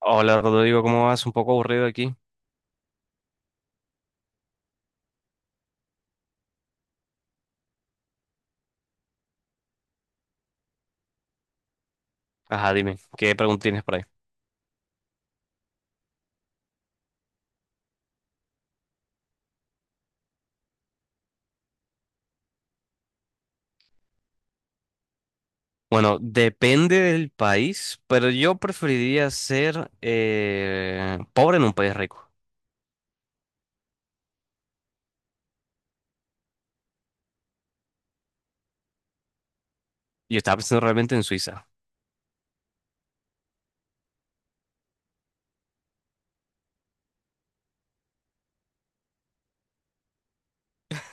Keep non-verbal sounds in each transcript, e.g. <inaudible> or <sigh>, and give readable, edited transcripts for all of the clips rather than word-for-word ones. Hola Rodrigo, ¿cómo vas? Un poco aburrido aquí. Ajá, dime, ¿qué pregunta tienes por ahí? Bueno, depende del país, pero yo preferiría ser pobre en un país rico. Yo estaba pensando realmente en Suiza.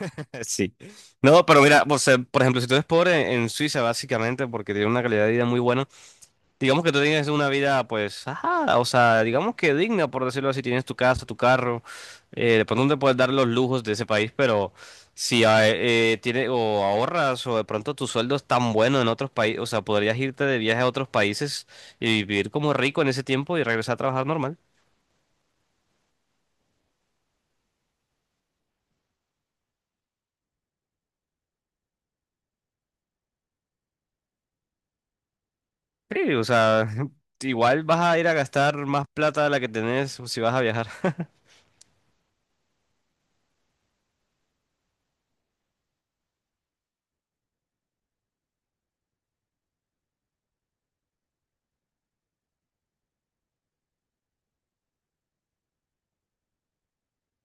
<laughs> Sí. No, pero mira, o sea, por ejemplo, si tú eres pobre en Suiza, básicamente, porque tiene una calidad de vida muy buena. Digamos que tú tienes una vida, pues, ajá, o sea, digamos que digna, por decirlo así. Tienes tu casa, tu carro, de pronto no te puedes dar los lujos de ese país, pero si o ahorras o de pronto tu sueldo es tan bueno en otros países, o sea, podrías irte de viaje a otros países y vivir como rico en ese tiempo y regresar a trabajar normal. Sí, o sea, <laughs> igual vas a ir a gastar más plata de la que tenés si vas a viajar. <laughs>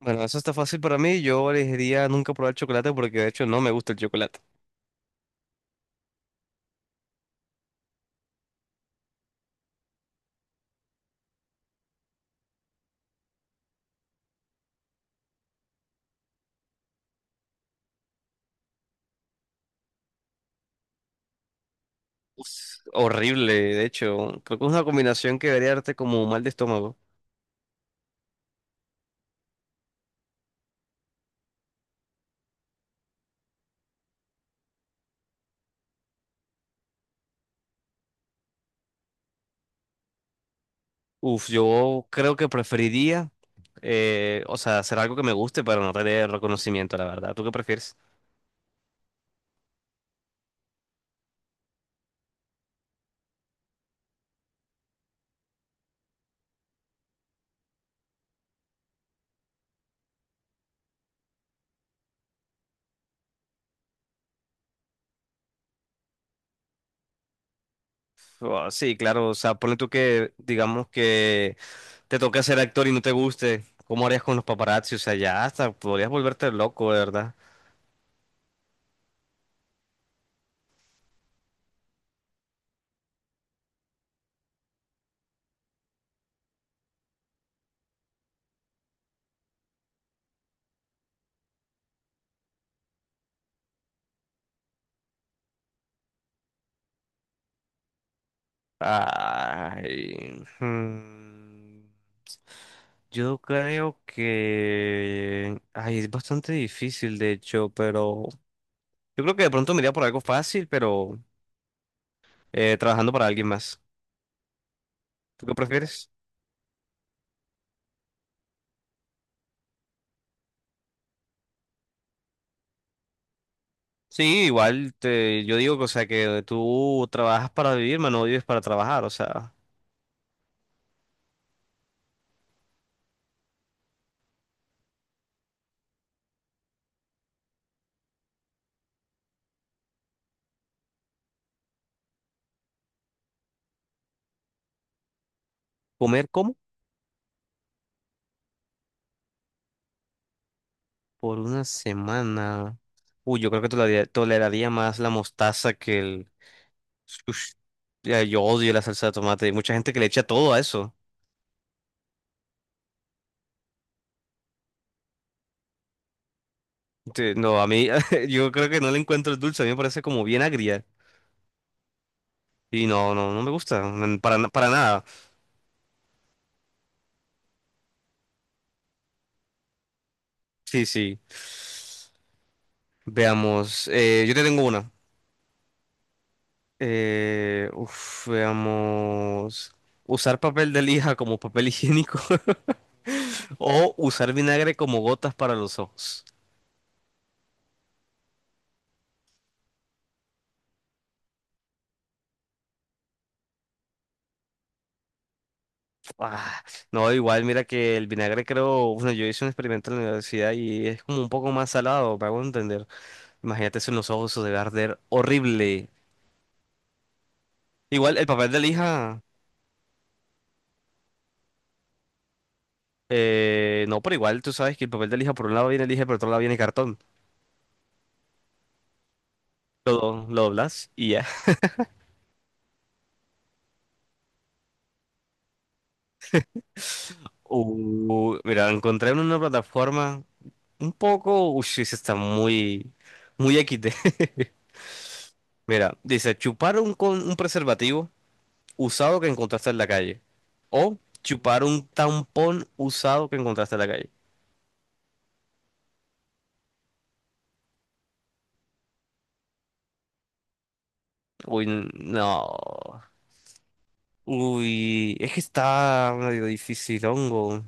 Bueno, eso está fácil para mí. Yo elegiría nunca probar chocolate porque de hecho no me gusta el chocolate. Uf, horrible, de hecho. Creo que es una combinación que debería darte como mal de estómago. Uf, yo creo que preferiría, o sea, hacer algo que me guste para no tener reconocimiento, la verdad. ¿Tú qué prefieres? Oh, sí, claro, o sea, ponle tú que, digamos que te toca ser actor y no te guste. ¿Cómo harías con los paparazzi? O sea, ya hasta podrías volverte loco, de verdad. Ay, hmm, yo creo que... Ay, es bastante difícil, de hecho, pero... Yo creo que de pronto me iría por algo fácil, pero trabajando para alguien más. ¿Tú qué prefieres? Sí, igual te, yo digo que, o sea, que tú trabajas para vivir, mano, no vives para trabajar. O sea, ¿comer cómo? Por una semana. Uy, yo creo que toleraría más la mostaza que el... Ush. Ya, yo odio la salsa de tomate. Hay mucha gente que le echa todo a eso. No, a mí, <laughs> yo creo que no le encuentro el dulce. A mí me parece como bien agria. Y no, no, no me gusta. Para, para nada. Sí, sí. Veamos, yo te tengo una. Uf, veamos. Usar papel de lija como papel higiénico <laughs> o usar vinagre como gotas para los ojos. Ah, no, igual, mira que el vinagre creo, bueno, yo hice un experimento en la universidad y es como un poco más salado, me hago entender. Imagínate eso en los ojos, eso debe arder horrible. Igual, el papel de lija, no, pero igual tú sabes que el papel de lija por un lado viene lija y por otro lado viene cartón. Lo, lo doblas y ya. Mira, encontré en una plataforma un poco. Uy, sí, sí está muy. Muy XD. <laughs> Mira, dice: chupar un, con un preservativo usado que encontraste en la calle. O chupar un tampón usado que encontraste en la calle. Uy, no. Uy, es que está medio difícil, hongo.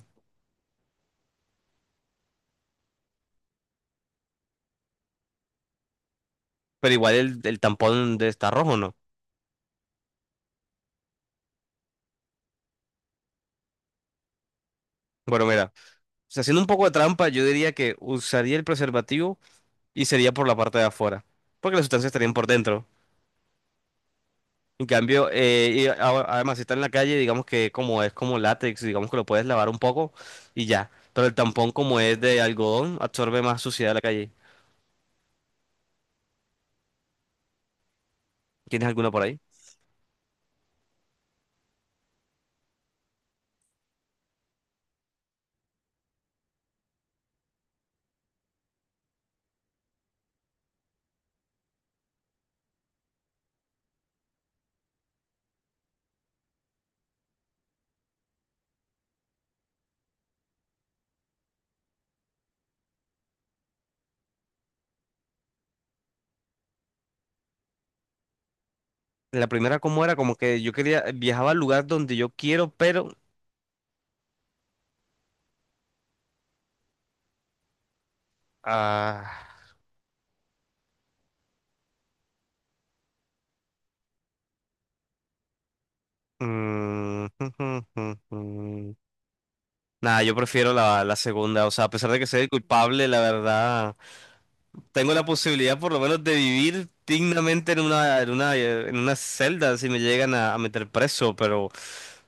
Pero igual el tampón de está rojo, ¿no? Bueno, mira, o sea, haciendo un poco de trampa, yo diría que usaría el preservativo y sería por la parte de afuera, porque las sustancias estarían por dentro. En cambio, además si está en la calle, digamos que como es como látex, digamos que lo puedes lavar un poco y ya. Pero el tampón como es de algodón, absorbe más suciedad de la calle. ¿Tienes alguna por ahí? La primera como era como que yo quería viajaba al lugar donde yo quiero, pero ah, mm, <laughs> Nada, yo prefiero la, la segunda, o sea, a pesar de que sea el culpable, la verdad tengo la posibilidad por lo menos de vivir dignamente en una, en una, en una celda si me llegan a meter preso, pero,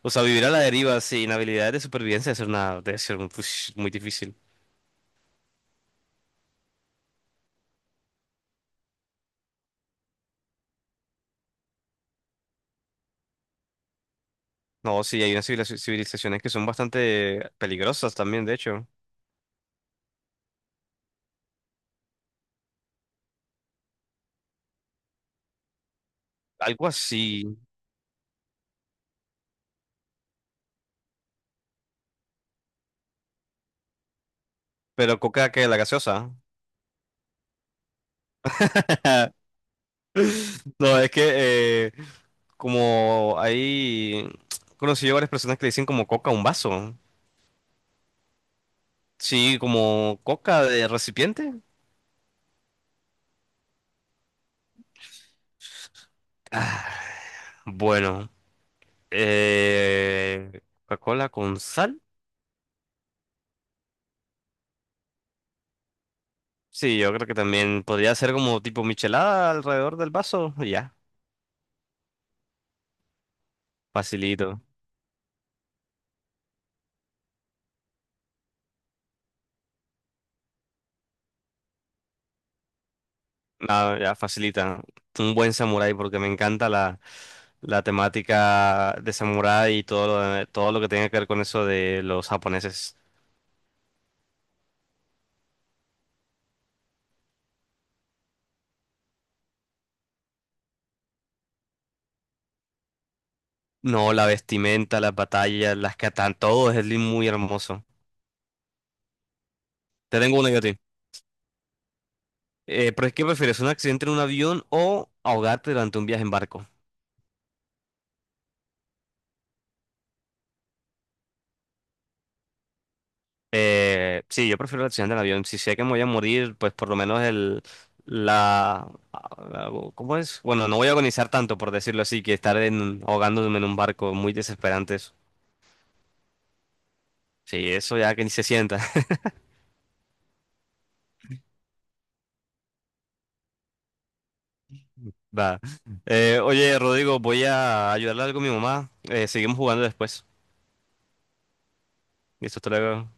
o sea, vivir a la deriva sin habilidades de supervivencia es una, debe ser muy, pues, muy difícil. No, sí, hay unas civilizaciones que son bastante peligrosas también, de hecho. Algo así, pero coca que la gaseosa. <laughs> No, es que como hay he conocido varias personas que le dicen como coca a un vaso. Sí, como coca de recipiente. Bueno. Eh, Coca-Cola con sal. Sí, yo creo que también podría ser como tipo michelada alrededor del vaso. Ya, facilito. Nada, ya facilita. Un buen samurái porque me encanta la, la temática de samurái y todo lo, todo lo que tenga que ver con eso de los japoneses. No, la vestimenta, las batallas, las katanas, todo es muy hermoso. Te tengo una yo a ti. ¿Pero es que prefieres un accidente en un avión o ahogarte durante un viaje en barco? Sí, yo prefiero el accidente del avión. Si sé que me voy a morir, pues por lo menos la ¿cómo es? Bueno, no voy a agonizar tanto, por decirlo así, que estar en, ahogándome en un barco muy desesperante. Eso. Sí, eso ya que ni se sienta. <laughs> Va. Oye, Rodrigo, voy a ayudarle algo a mi mamá. Seguimos jugando después. Listo, hasta luego.